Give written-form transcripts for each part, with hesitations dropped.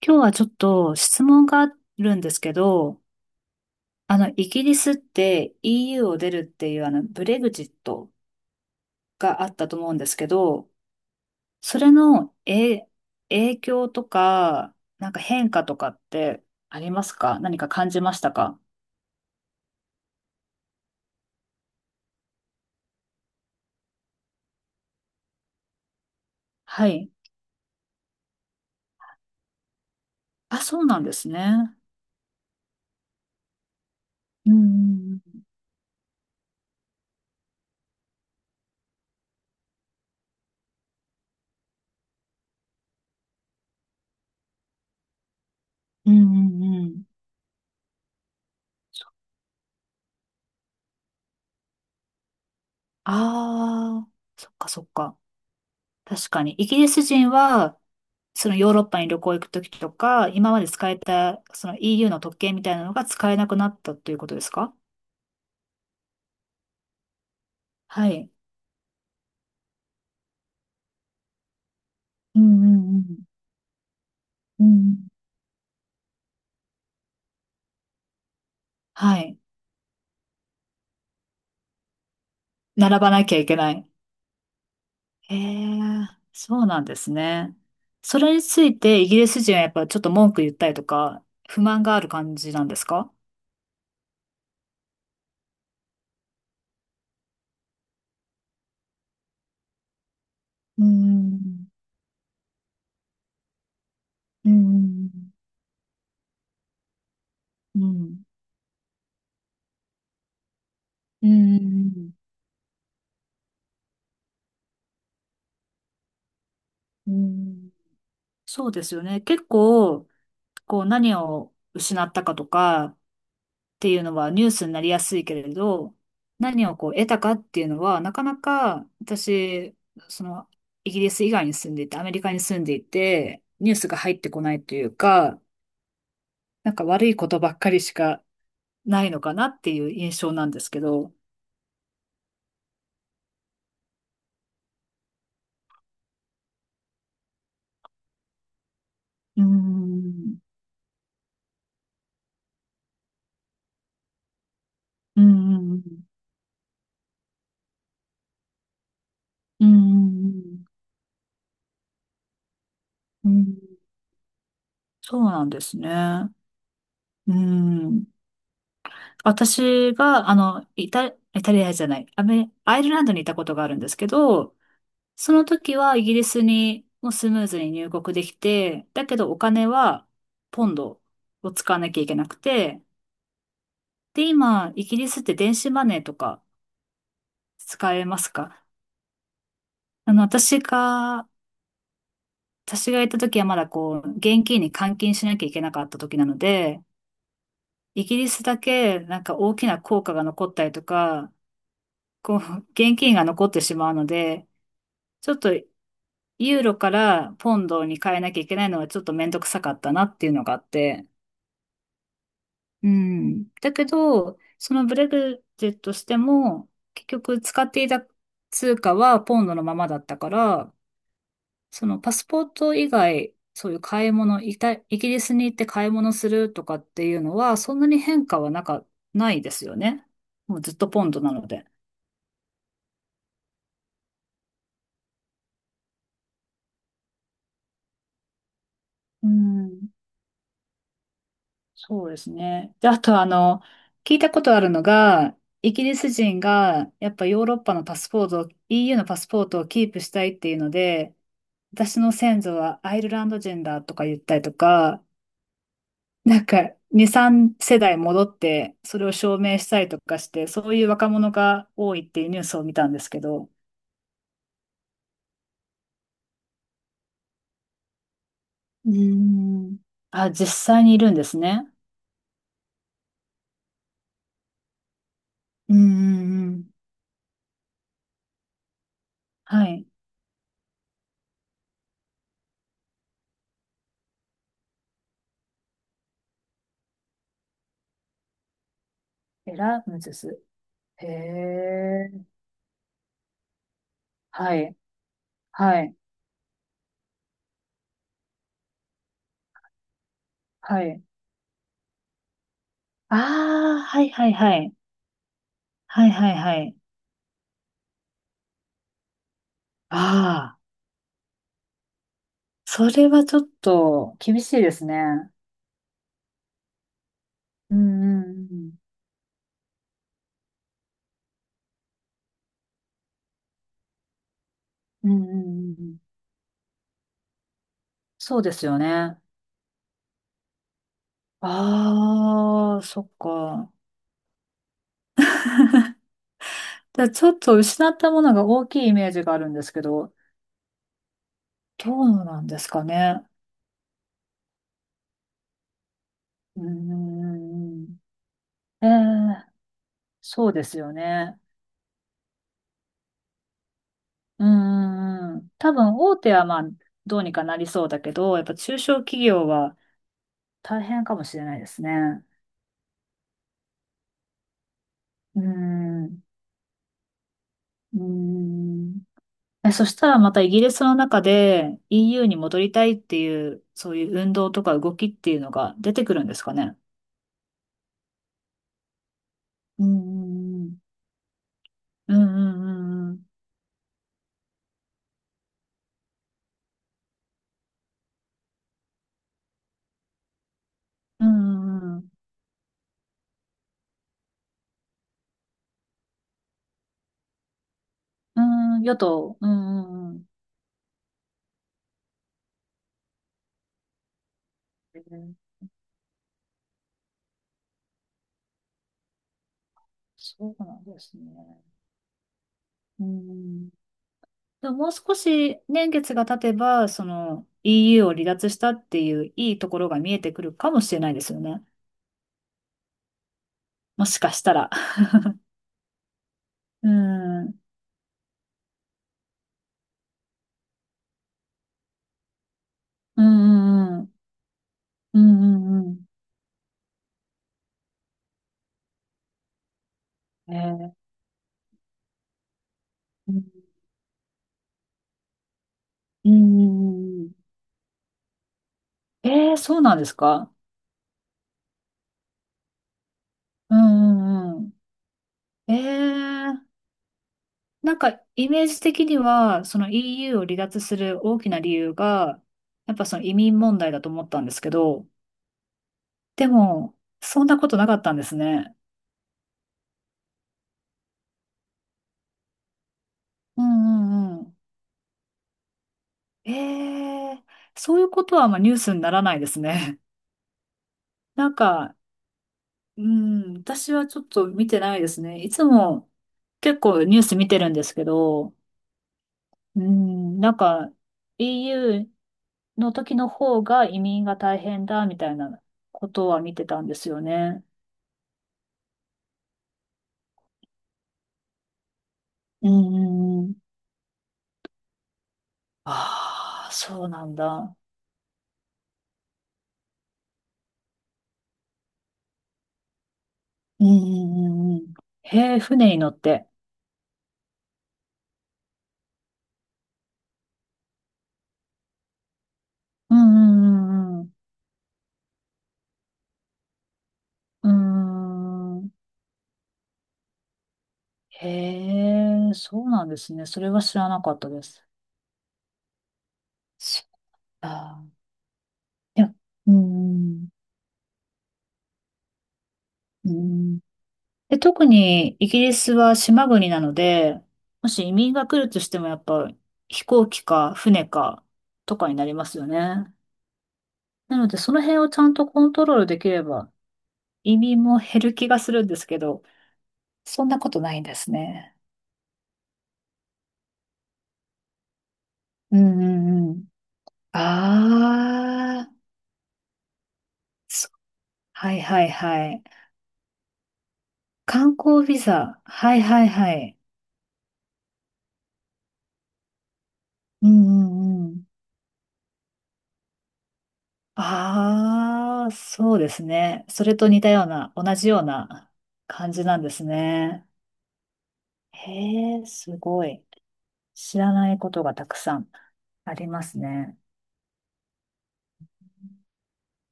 今日はちょっと質問があるんですけど、イギリスって EU を出るっていうブレグジットがあったと思うんですけど、それの、影響とか、なんか変化とかってありますか？何か感じましたか？はい。あ、そうなんですね。うん、うん、うん、うん。うん。ああー、そっかそっか。確かに。イギリス人はそのヨーロッパに旅行行くときとか、今まで使えた、その EU の特権みたいなのが使えなくなったということですか？はい。うんうんうん。うん。はい。並ばなきゃいけない。へえ、そうなんですね。それについてイギリス人はやっぱちょっと文句言ったりとか、不満がある感じなんですか？うん。うん。うん。うん。うん。そうですよね。結構、こう何を失ったかとか、っていうのはニュースになりやすいけれど、何をこう得たかっていうのは、なかなか私、その、イギリス以外に住んでいて、アメリカに住んでいて、ニュースが入ってこないというか、なんか悪いことばっかりしかないのかなっていう印象なんですけど。うーん、うーん、うーん、うーん、そうなんですね。うーん。私が、イタリアじゃない、アイルランドにいたことがあるんですけど、その時はイギリスにもうスムーズに入国できて、だけどお金はポンドを使わなきゃいけなくて、で、今、イギリスって電子マネーとか使えますか？あの、私が、私が行った時はまだこう、現金に換金しなきゃいけなかった時なので、イギリスだけなんか大きな効果が残ったりとか、こう、現金が残ってしまうので、ちょっとユーロからポンドに変えなきゃいけないのはちょっとめんどくさかったなっていうのがあって、うん。だけど、そのブレグジットしても、結局使っていた通貨はポンドのままだったから、そのパスポート以外、そういう買い物、イギリスに行って買い物するとかっていうのは、そんなに変化はなんか、ないですよね。もうずっとポンドなので。うん。そうですね。で、あと聞いたことあるのが、イギリス人がやっぱヨーロッパのパスポートを、EU のパスポートをキープしたいっていうので、私の先祖はアイルランド人だとか言ったりとか、なんか2、3世代戻ってそれを証明したりとかして、そういう若者が多いっていうニュースを見たんですけど。うーん。あ、実際にいるんですね。うんうんうん。はい。エラムズス。へえ。はい。はい。はい。ああ、はいはいはい。はいはいはい。ああ、それはちょっと厳しいですね。うんうんうん。うんうんうんうん。そうですよね。ああ、そっか。じゃあちょっと失ったものが大きいイメージがあるんですけど、どうなんですかね？うーん。ええ、そうですよね。うーん。多分大手はまあ、どうにかなりそうだけど、やっぱ中小企業は大変かもしれないですね。うーん。うーん。え、そしたらまたイギリスの中で EU に戻りたいっていう、そういう運動とか動きっていうのが出てくるんですかね？うんうんうん。うんうんうん。うんうんうん。うん、与党。うんうんうん。えー、そうなんですね。うん。でももう少し年月が経てば、その EU を離脱したっていういいところが見えてくるかもしれないですよね。もしかしたら。うん。うんうんうん。うんうんうん。えー、うーん。えー、そうなんですか？うんうんうん。えー、なんかイメージ的には、その EU を離脱する大きな理由が、やっぱその移民問題だと思ったんですけど、でも、そんなことなかったんですね。うんうんうん。えー、そういうことはあんまニュースにならないですね。なんか、うん、私はちょっと見てないですね。いつも結構ニュース見てるんですけど、うん、なんか、EU の時の方が移民が大変だみたいなことは見てたんですよね。うんうんうん。ああ、そうなんだ。うん。うんうんうんうん。へえ、船に乗って。うんうんうんうん。うーん。へえ、そうなんですね。それは知らなかったです。そっか。いや、うん、うん。うん。で、特にイギリスは島国なので、もし移民が来るとしてもやっぱ飛行機か船かとかになりますよね。なのでその辺をちゃんとコントロールできれば移民も減る気がするんですけど、そんなことないんですね。うんうんうん。ああ、そはいはいはい。観光ビザ。はいはいはい。うんうんうん。ああ、そうですね。それと似たような、同じような感じなんですね。へえ、すごい。知らないことがたくさんありますね。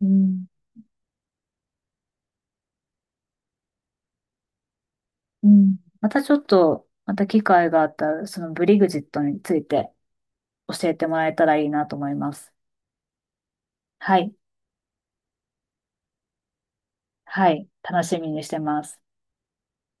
うん。うん。またちょっと、また機会があったら、そのブリグジットについて教えてもらえたらいいなと思います。はい。はい。楽しみにしてます。